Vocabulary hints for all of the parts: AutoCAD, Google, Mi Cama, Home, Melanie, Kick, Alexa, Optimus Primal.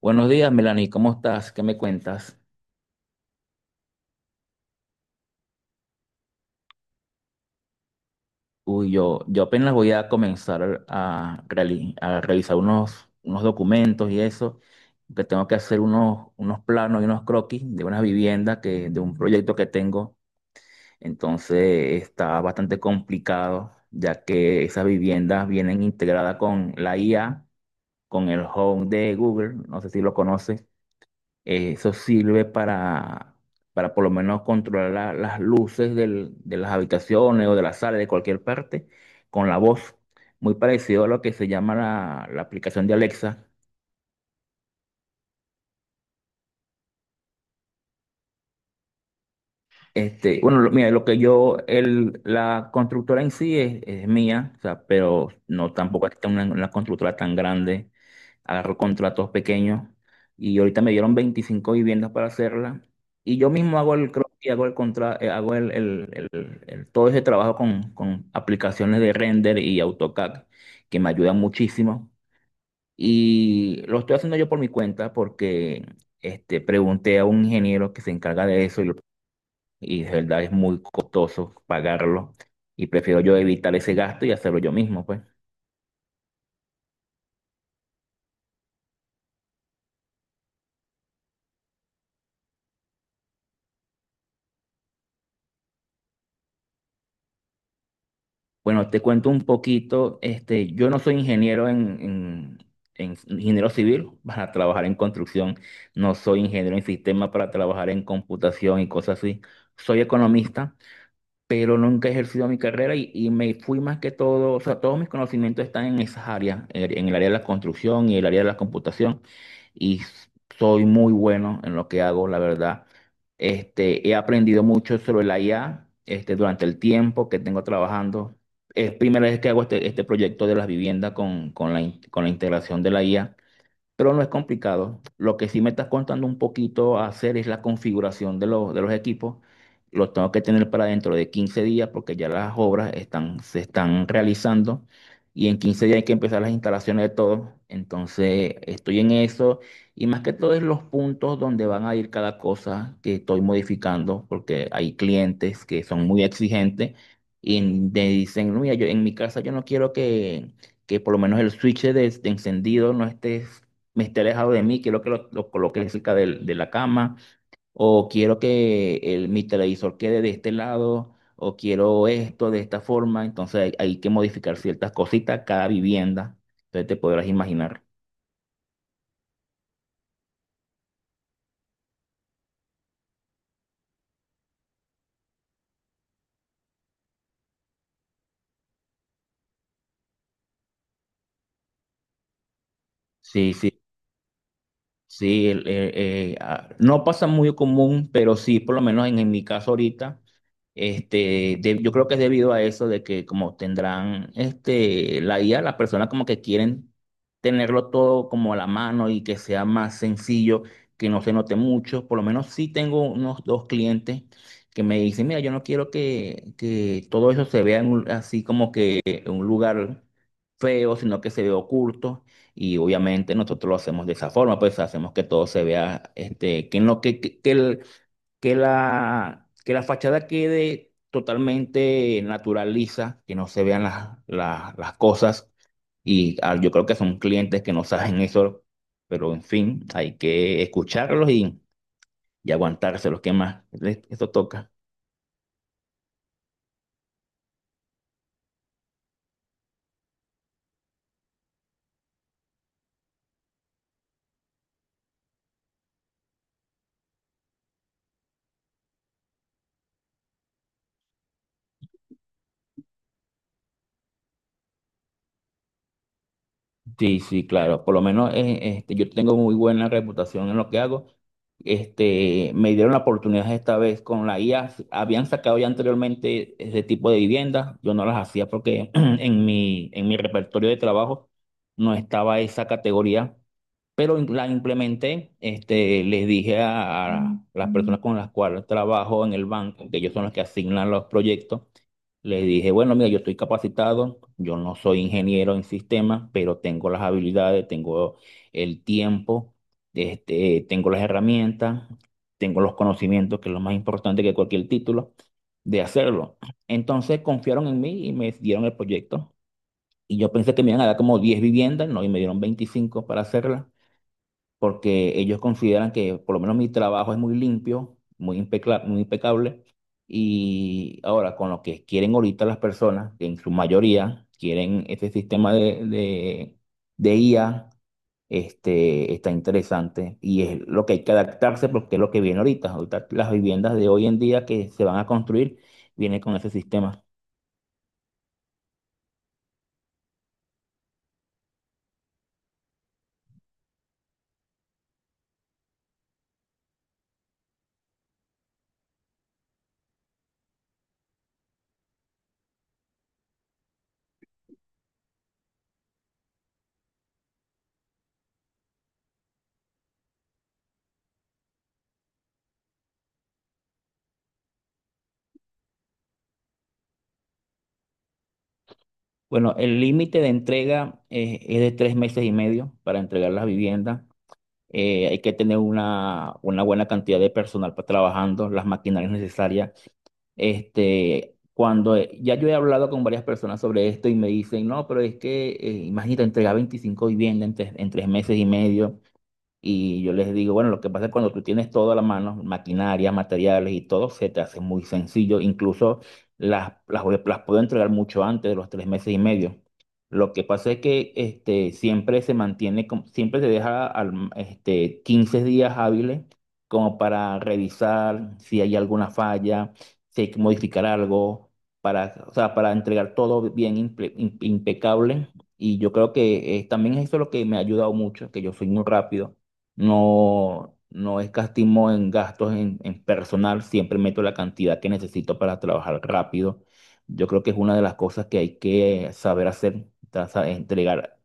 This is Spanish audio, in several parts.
Buenos días, Melanie, ¿cómo estás? ¿Qué me cuentas? Uy, yo apenas voy a comenzar a, a revisar unos, unos documentos y eso, que tengo que hacer unos, unos planos y unos croquis de una vivienda de un proyecto que tengo. Entonces está bastante complicado, ya que esas viviendas vienen integradas con la IA, con el Home de Google, no sé si lo conoces. Eso sirve para por lo menos controlar las luces de las habitaciones o de la sala, de cualquier parte, con la voz. Muy parecido a lo que se llama la aplicación de Alexa. Este, bueno, mira, lo que yo, el, la constructora en sí es mía, o sea, pero no tampoco es que una constructora tan grande, agarro contratos pequeños y ahorita me dieron 25 viviendas para hacerla y yo mismo hago el y hago el hago el, todo ese trabajo con aplicaciones de render y AutoCAD que me ayudan muchísimo y lo estoy haciendo yo por mi cuenta porque este, pregunté a un ingeniero que se encarga de eso y de verdad es muy costoso pagarlo y prefiero yo evitar ese gasto y hacerlo yo mismo, pues. Bueno, te cuento un poquito, este, yo no soy ingeniero en ingeniero civil para trabajar en construcción, no soy ingeniero en sistema para trabajar en computación y cosas así, soy economista pero nunca he ejercido mi carrera y me fui más que todo, o sea, todos mis conocimientos están en esas áreas, en el área de la construcción y el área de la computación, y s- soy muy bueno en lo que hago, la verdad. Este, he aprendido mucho sobre la IA, este, durante el tiempo que tengo trabajando. Es primera vez que hago este, este proyecto de las viviendas con con la integración de la IA pero no es complicado. Lo que sí me estás contando un poquito hacer es la configuración de los equipos. Los tengo que tener para dentro de 15 días porque ya las obras están, se están realizando y en 15 días hay que empezar las instalaciones de todo. Entonces estoy en eso y más que todo es los puntos donde van a ir cada cosa que estoy modificando porque hay clientes que son muy exigentes y me dicen, "No, mira, yo, en mi casa yo no quiero que por lo menos el switch de encendido no esté me esté alejado de mí, quiero que lo coloque cerca de la cama, o quiero que el, mi televisor quede de este lado, o quiero esto de esta forma. Entonces hay que modificar ciertas cositas cada vivienda. Entonces te podrás imaginar. Sí, sí. Sí, no pasa muy común, pero sí, por lo menos en mi caso ahorita, este, yo creo que es debido a eso de que como tendrán este, la IA, las personas como que quieren tenerlo todo como a la mano y que sea más sencillo, que no se note mucho. Por lo menos sí tengo unos dos clientes que me dicen, mira, yo no quiero que todo eso se vea en así como que en un lugar feo, sino que se vea oculto. Y obviamente nosotros lo hacemos de esa forma, pues hacemos que todo se vea, este, que, no, que que que la fachada quede totalmente natural, lisa, que no se vean las cosas. Y ah, yo creo que son clientes que no saben eso, pero en fin, hay que escucharlos y aguantárselos, ¿qué más? Esto toca. Sí, sí, claro. Por lo menos este, yo tengo muy buena reputación en lo que hago. Este, me dieron la oportunidad esta vez con la IA. Habían sacado ya anteriormente ese tipo de viviendas. Yo no las hacía porque en mi repertorio de trabajo no estaba esa categoría. Pero la implementé. Este, les dije a las personas con las cuales trabajo en el banco, que ellos son los que asignan los proyectos. Les dije, bueno, mira, yo estoy capacitado, yo no soy ingeniero en sistemas, pero tengo las habilidades, tengo el tiempo, este, tengo las herramientas, tengo los conocimientos, que es lo más importante que cualquier título, de hacerlo. Entonces confiaron en mí y me dieron el proyecto. Y yo pensé que me iban a dar como 10 viviendas, no, y me dieron 25 para hacerla porque ellos consideran que por lo menos mi trabajo es muy limpio, muy impecable. Y ahora, con lo que quieren ahorita las personas, que en su mayoría quieren este sistema de IA, este, está interesante y es lo que hay que adaptarse porque es lo que viene ahorita. Ahorita las viviendas de hoy en día que se van a construir vienen con ese sistema. Bueno, el límite de entrega es de tres meses y medio para entregar las viviendas hay que tener una buena cantidad de personal para trabajando, las maquinarias necesarias. Este, cuando ya yo he hablado con varias personas sobre esto y me dicen, no, pero es que imagínate entregar 25 viviendas en tres meses y medio. Y yo les digo, bueno, lo que pasa es cuando tú tienes todo a la mano, maquinaria, materiales y todo, se te hace muy sencillo. Incluso las puedo entregar mucho antes de los tres meses y medio. Lo que pasa es que este, siempre se mantiene, siempre se deja este, 15 días hábiles como para revisar si hay alguna falla, si hay que modificar algo, para, o sea, para entregar todo bien impecable. Y yo creo que también eso es lo que me ha ayudado mucho, que yo soy muy rápido no, no escatimo en gastos en personal, siempre meto la cantidad que necesito para trabajar rápido. Yo creo que es una de las cosas que hay que saber hacer, entregar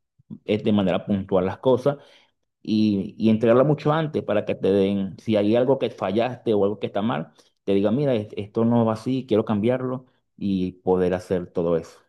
de manera puntual las cosas y entregarla mucho antes para que te den, si hay algo que fallaste o algo que está mal, te diga, mira, esto no va así, quiero cambiarlo y poder hacer todo eso.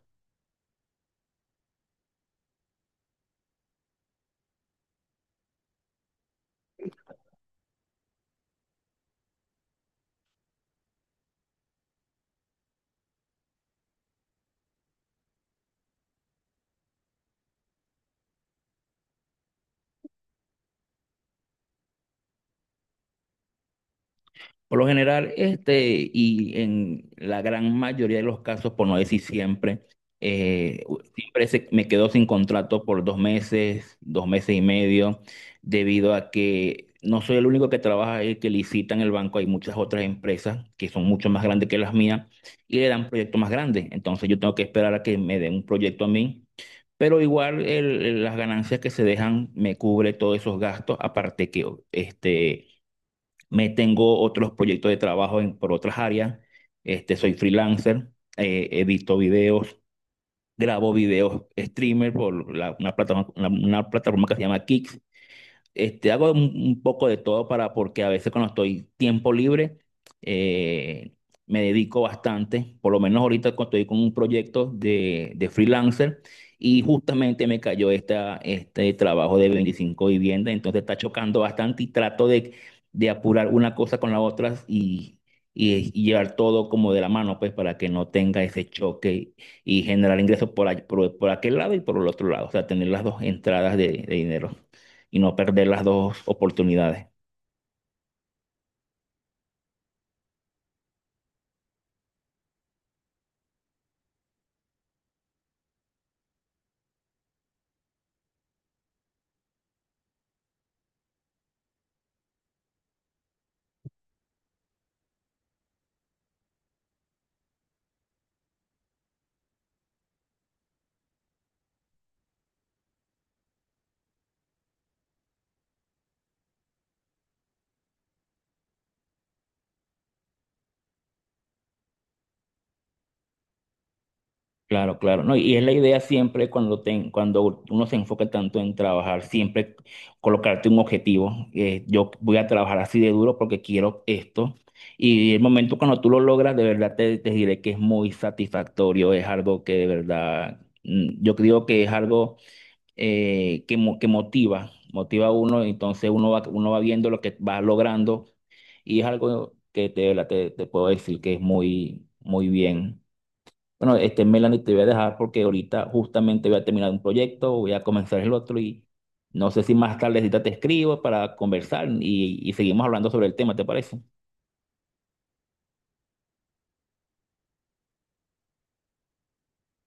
Por lo general, este, y en la gran mayoría de los casos, por no decir siempre, siempre me quedo sin contrato por dos meses y medio, debido a que no soy el único que trabaja ahí, que licita en el banco. Hay muchas otras empresas que son mucho más grandes que las mías y le dan proyectos más grandes. Entonces yo tengo que esperar a que me den un proyecto a mí. Pero igual las ganancias que se dejan me cubre todos esos gastos, aparte que este me tengo otros proyectos de trabajo en, por otras áreas. Este, soy freelancer, edito videos, grabo videos streamer por una plataforma que se llama Kick. Este, hago un poco de todo para, porque a veces cuando estoy tiempo libre, eh, me dedico bastante, por lo menos ahorita cuando estoy con un proyecto de freelancer y justamente me cayó esta, este trabajo de 25 viviendas, entonces está chocando bastante y trato de apurar una cosa con la otra y, y llevar todo como de la mano, pues para que no tenga ese choque y generar ingresos por, por aquel lado y por el otro lado, o sea, tener las dos entradas de dinero y no perder las dos oportunidades. Claro, claro, no, y es la idea siempre cuando, cuando uno se enfoca tanto en trabajar, siempre colocarte un objetivo. Eh, yo voy a trabajar así de duro porque quiero esto. Y el momento cuando tú lo logras, de verdad te, te diré que es muy satisfactorio, es algo que de verdad, mm, yo creo que es algo que, que motiva, motiva a uno, entonces uno va viendo lo que va logrando y es algo que te, te, te puedo decir que es muy, muy bien. Bueno, este Melanie te voy a dejar porque ahorita justamente voy a terminar un proyecto, voy a comenzar el otro y no sé si más tarde te escribo para conversar y seguimos hablando sobre el tema, ¿te parece?